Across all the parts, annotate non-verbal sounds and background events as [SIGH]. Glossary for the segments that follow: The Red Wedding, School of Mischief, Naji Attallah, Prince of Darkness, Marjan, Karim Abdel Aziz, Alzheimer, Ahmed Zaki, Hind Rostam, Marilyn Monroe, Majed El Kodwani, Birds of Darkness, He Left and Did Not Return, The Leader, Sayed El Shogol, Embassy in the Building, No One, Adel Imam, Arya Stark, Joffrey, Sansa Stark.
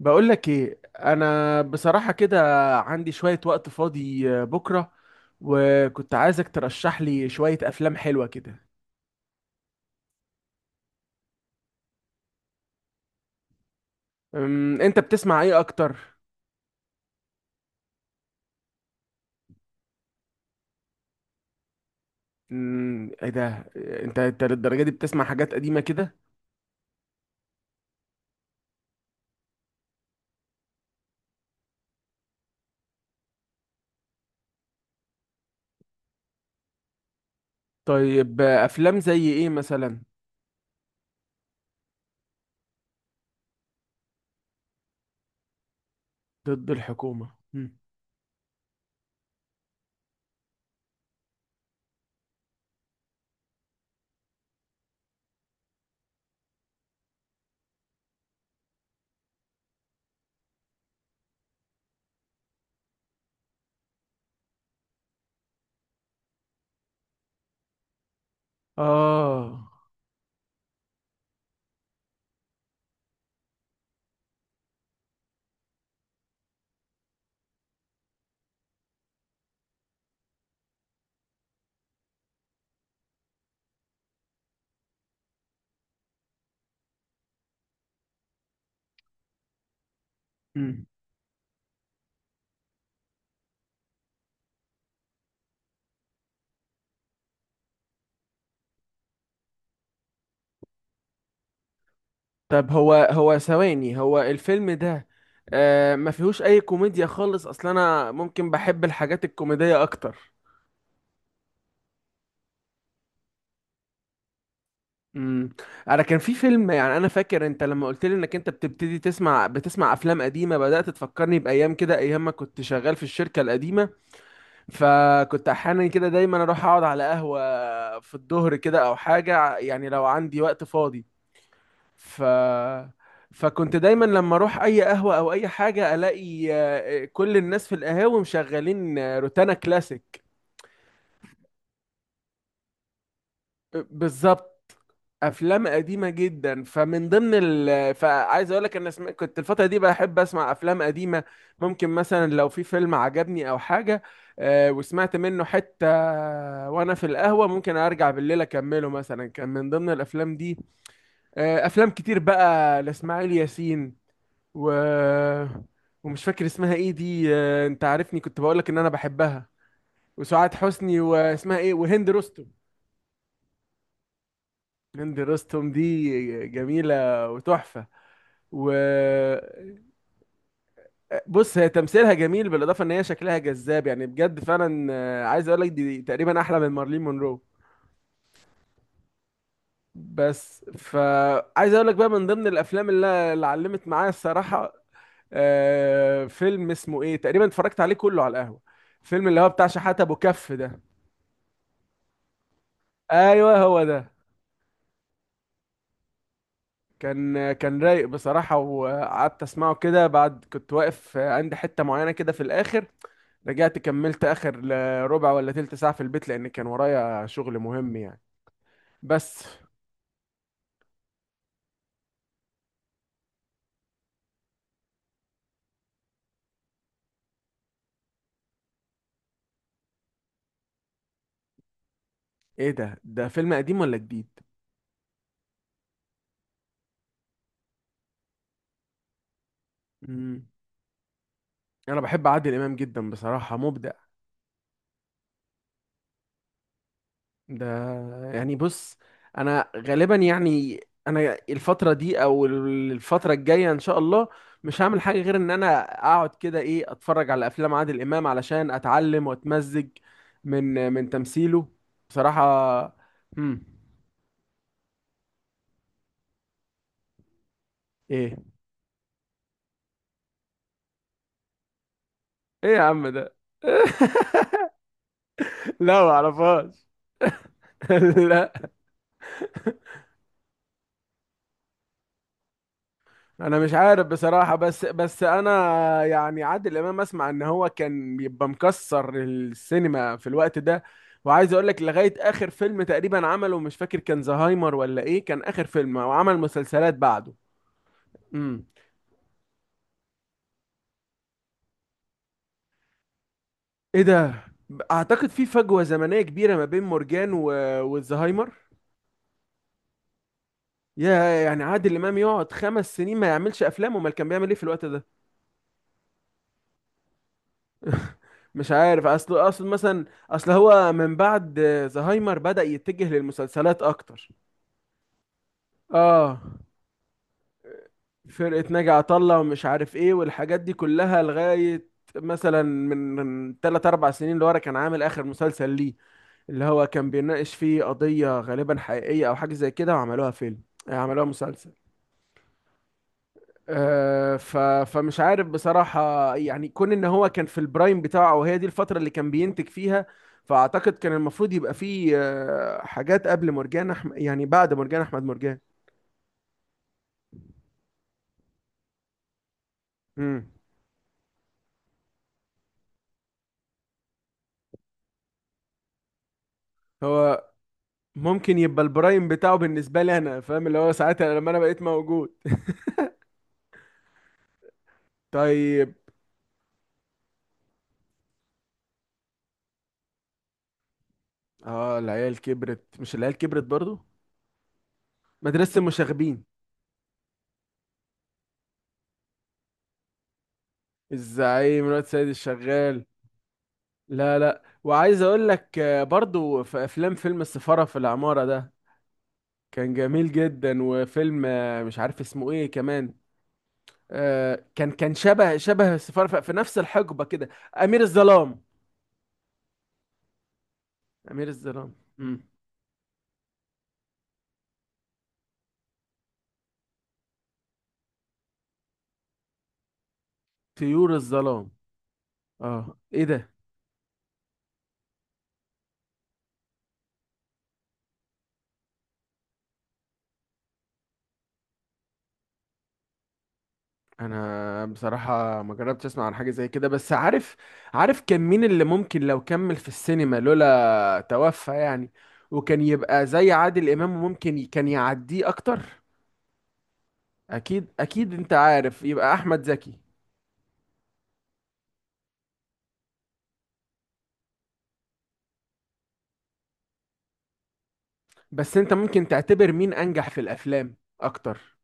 بقول لك ايه؟ انا بصراحة كده عندي شوية وقت فاضي، بكرة، وكنت عايزك ترشح لي شوية افلام حلوة كده. انت بتسمع ايه اكتر؟ ايه ده، انت للدرجة دي بتسمع حاجات قديمة كده؟ طيب، افلام زي ايه مثلا؟ ضد الحكومة. مم. اه. مم. طب هو ثواني، هو الفيلم ده آه ما فيهوش اي كوميديا خالص اصلا؟ انا ممكن بحب الحاجات الكوميدية اكتر. امم. انا كان في فيلم، يعني انا فاكر انت لما قلت لي انك انت بتبتدي تسمع افلام قديمه، بدات تفكرني بايام كده، ايام ما كنت شغال في الشركه القديمه. فكنت احيانا كده دايما اروح اقعد على قهوه في الظهر كده، او حاجه، يعني لو عندي وقت فاضي. ف فكنت دايما لما اروح اي قهوه او اي حاجه الاقي كل الناس في القهاوي مشغلين روتانا كلاسيك. بالظبط. افلام قديمه جدا، فمن ضمن فعايز اقول لك انا كنت الفتره دي بحب اسمع افلام قديمه. ممكن مثلا لو في فيلم عجبني او حاجه، وسمعت منه حتى وانا في القهوه، ممكن ارجع بالليل اكمله. مثلا كان من ضمن الافلام دي افلام كتير بقى لاسماعيل ياسين. و ومش فاكر اسمها ايه دي، انت عارفني، كنت بقول لك ان انا بحبها. وسعاد حسني، واسمها ايه، وهند رستم. هند رستم دي جميلة وتحفة. و بص، هي تمثيلها جميل، بالإضافة إن هي شكلها جذاب، يعني بجد فعلا، عايز أقول لك دي تقريبا أحلى من مارلين مونرو. بس فعايز أقول لك بقى من ضمن الأفلام اللي علمت معايا الصراحة، فيلم اسمه إيه تقريبا، اتفرجت عليه كله على القهوة. فيلم اللي هو بتاع شحاتة أبو كف ده. أيوه، هو ده. كان رايق بصراحة، وقعدت أسمعه كده بعد، كنت واقف عند حتة معينة كده في الآخر. رجعت كملت اخر ربع ولا تلت ساعة في البيت، لان كان ورايا شغل مهم يعني. بس. ايه ده فيلم قديم ولا جديد؟ مم. انا بحب عادل امام جدا بصراحة، مبدع. ده يعني بص، انا غالبا، يعني انا الفترة دي او الفترة الجاية ان شاء الله مش هعمل حاجة غير ان انا اقعد كده ايه، اتفرج على افلام عادل امام علشان اتعلم واتمزج من تمثيله بصراحة. مم. ايه؟ ايه يا عم ده؟ [LAUGHS] لا، ما اعرفهاش. [LAUGHS] لا. انا مش عارف بصراحة، بس انا، يعني عادل امام اسمع ان هو كان بيبقى مكسر السينما في الوقت ده. وعايز اقول لك لغاية اخر فيلم تقريبا عمله، مش فاكر كان زهايمر ولا ايه، كان اخر فيلم وعمل مسلسلات بعده. امم. ايه ده؟ اعتقد في فجوة زمنية كبيرة ما بين مرجان والزهايمر. يا يعني عادل امام يقعد 5 سنين ما يعملش افلام؟ امال كان بيعمل ايه في الوقت ده؟ مش عارف. اصل مثلا، اصل هو من بعد زهايمر بدأ يتجه للمسلسلات اكتر. اه، فرقة ناجي عطا الله، ومش عارف ايه، والحاجات دي كلها، لغاية مثلا من 3 4 سنين لورا كان عامل اخر مسلسل ليه، اللي هو كان بيناقش فيه قضية غالبا حقيقية او حاجة زي كده، وعملوها فيلم، عملوها مسلسل. آه، ف... فمش عارف بصراحة، يعني كون ان هو كان في البرايم بتاعه وهي دي الفترة اللي كان بينتج فيها، فاعتقد كان المفروض يبقى فيه حاجات قبل مرجان، يعني بعد مرجان احمد مرجان. امم. هو ممكن يبقى البرايم بتاعه بالنسبة لي انا فاهم، اللي هو ساعتها لما انا بقيت موجود. طيب. اه، العيال كبرت، مش العيال كبرت برضو. مدرسة المشاغبين. الزعيم، الواد سيد الشغال. لا لا، وعايز اقول لك برضو في افلام، فيلم السفارة في العمارة ده كان جميل جدا. وفيلم مش عارف اسمه ايه كمان، كان شبه السفارة، في نفس الحقبة كده. أمير الظلام. أمير الظلام. مم. طيور الظلام. اه، ايه ده؟ انا بصراحة ما جربتش اسمع عن حاجة زي كده، بس عارف، عارف كان مين اللي ممكن لو كمل في السينما لولا توفى يعني، وكان يبقى زي عادل إمام، ممكن كان يعديه اكتر. اكيد اكيد، انت عارف، يبقى احمد زكي. بس انت ممكن تعتبر مين انجح في الافلام اكتر؟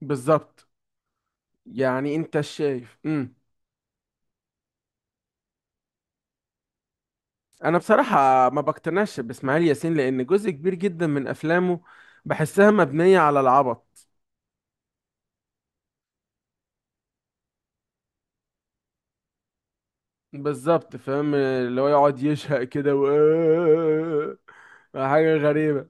بالظبط. يعني انت شايف. امم. انا بصراحه ما بقتنعش باسماعيل ياسين، لان جزء كبير جدا من افلامه بحسها مبنيه على العبط. بالظبط، فاهم اللي هو يقعد يشهق كده و [LAUGHS] حاجه غريبه.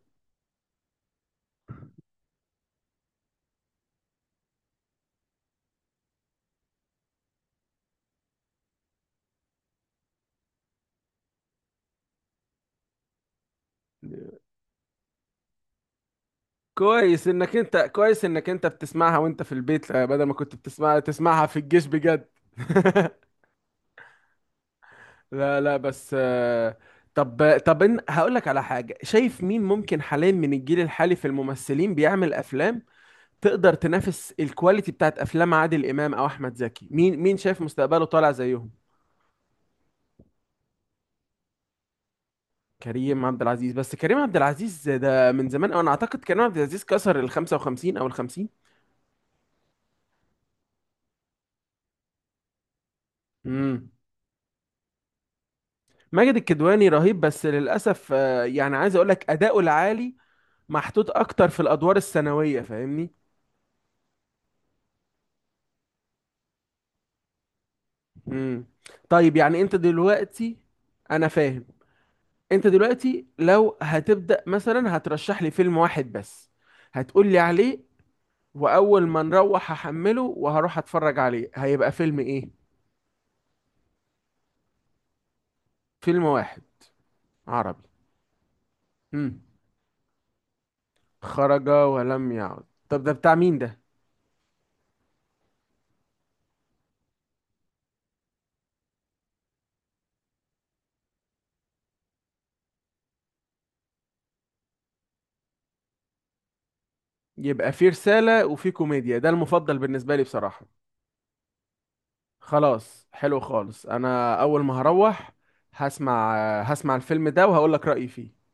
كويس انك انت بتسمعها وانت في البيت، بدل ما كنت بتسمعها في الجيش بجد. [LAUGHS] لا لا، بس طب هقول لك على حاجة، شايف مين ممكن حاليا من الجيل الحالي في الممثلين بيعمل أفلام تقدر تنافس الكواليتي بتاعت أفلام عادل إمام أو أحمد زكي؟ مين شايف مستقبله طالع زيهم؟ كريم عبد العزيز. بس كريم عبد العزيز ده من زمان، أو أنا أعتقد كريم عبد العزيز كسر ال 55 أو ال 50. امم. ماجد الكدواني رهيب بس للأسف، يعني عايز أقول لك أداؤه العالي محطوط أكتر في الأدوار الثانوية، فاهمني. امم. طيب، يعني انت دلوقتي، انا فاهم، انت دلوقتي لو هتبدأ مثلا هترشح لي فيلم واحد بس، هتقول لي عليه؟ واول ما نروح هحمله وهروح اتفرج عليه، هيبقى فيلم ايه؟ فيلم واحد، عربي. امم. خرج ولم يعد. طب ده بتاع مين ده؟ يبقى فيه رسالة وفيه كوميديا، ده المفضل بالنسبة لي بصراحة. خلاص، حلو خالص، انا اول ما هروح هسمع هسمع الفيلم ده وهقول لك رأيي فيه.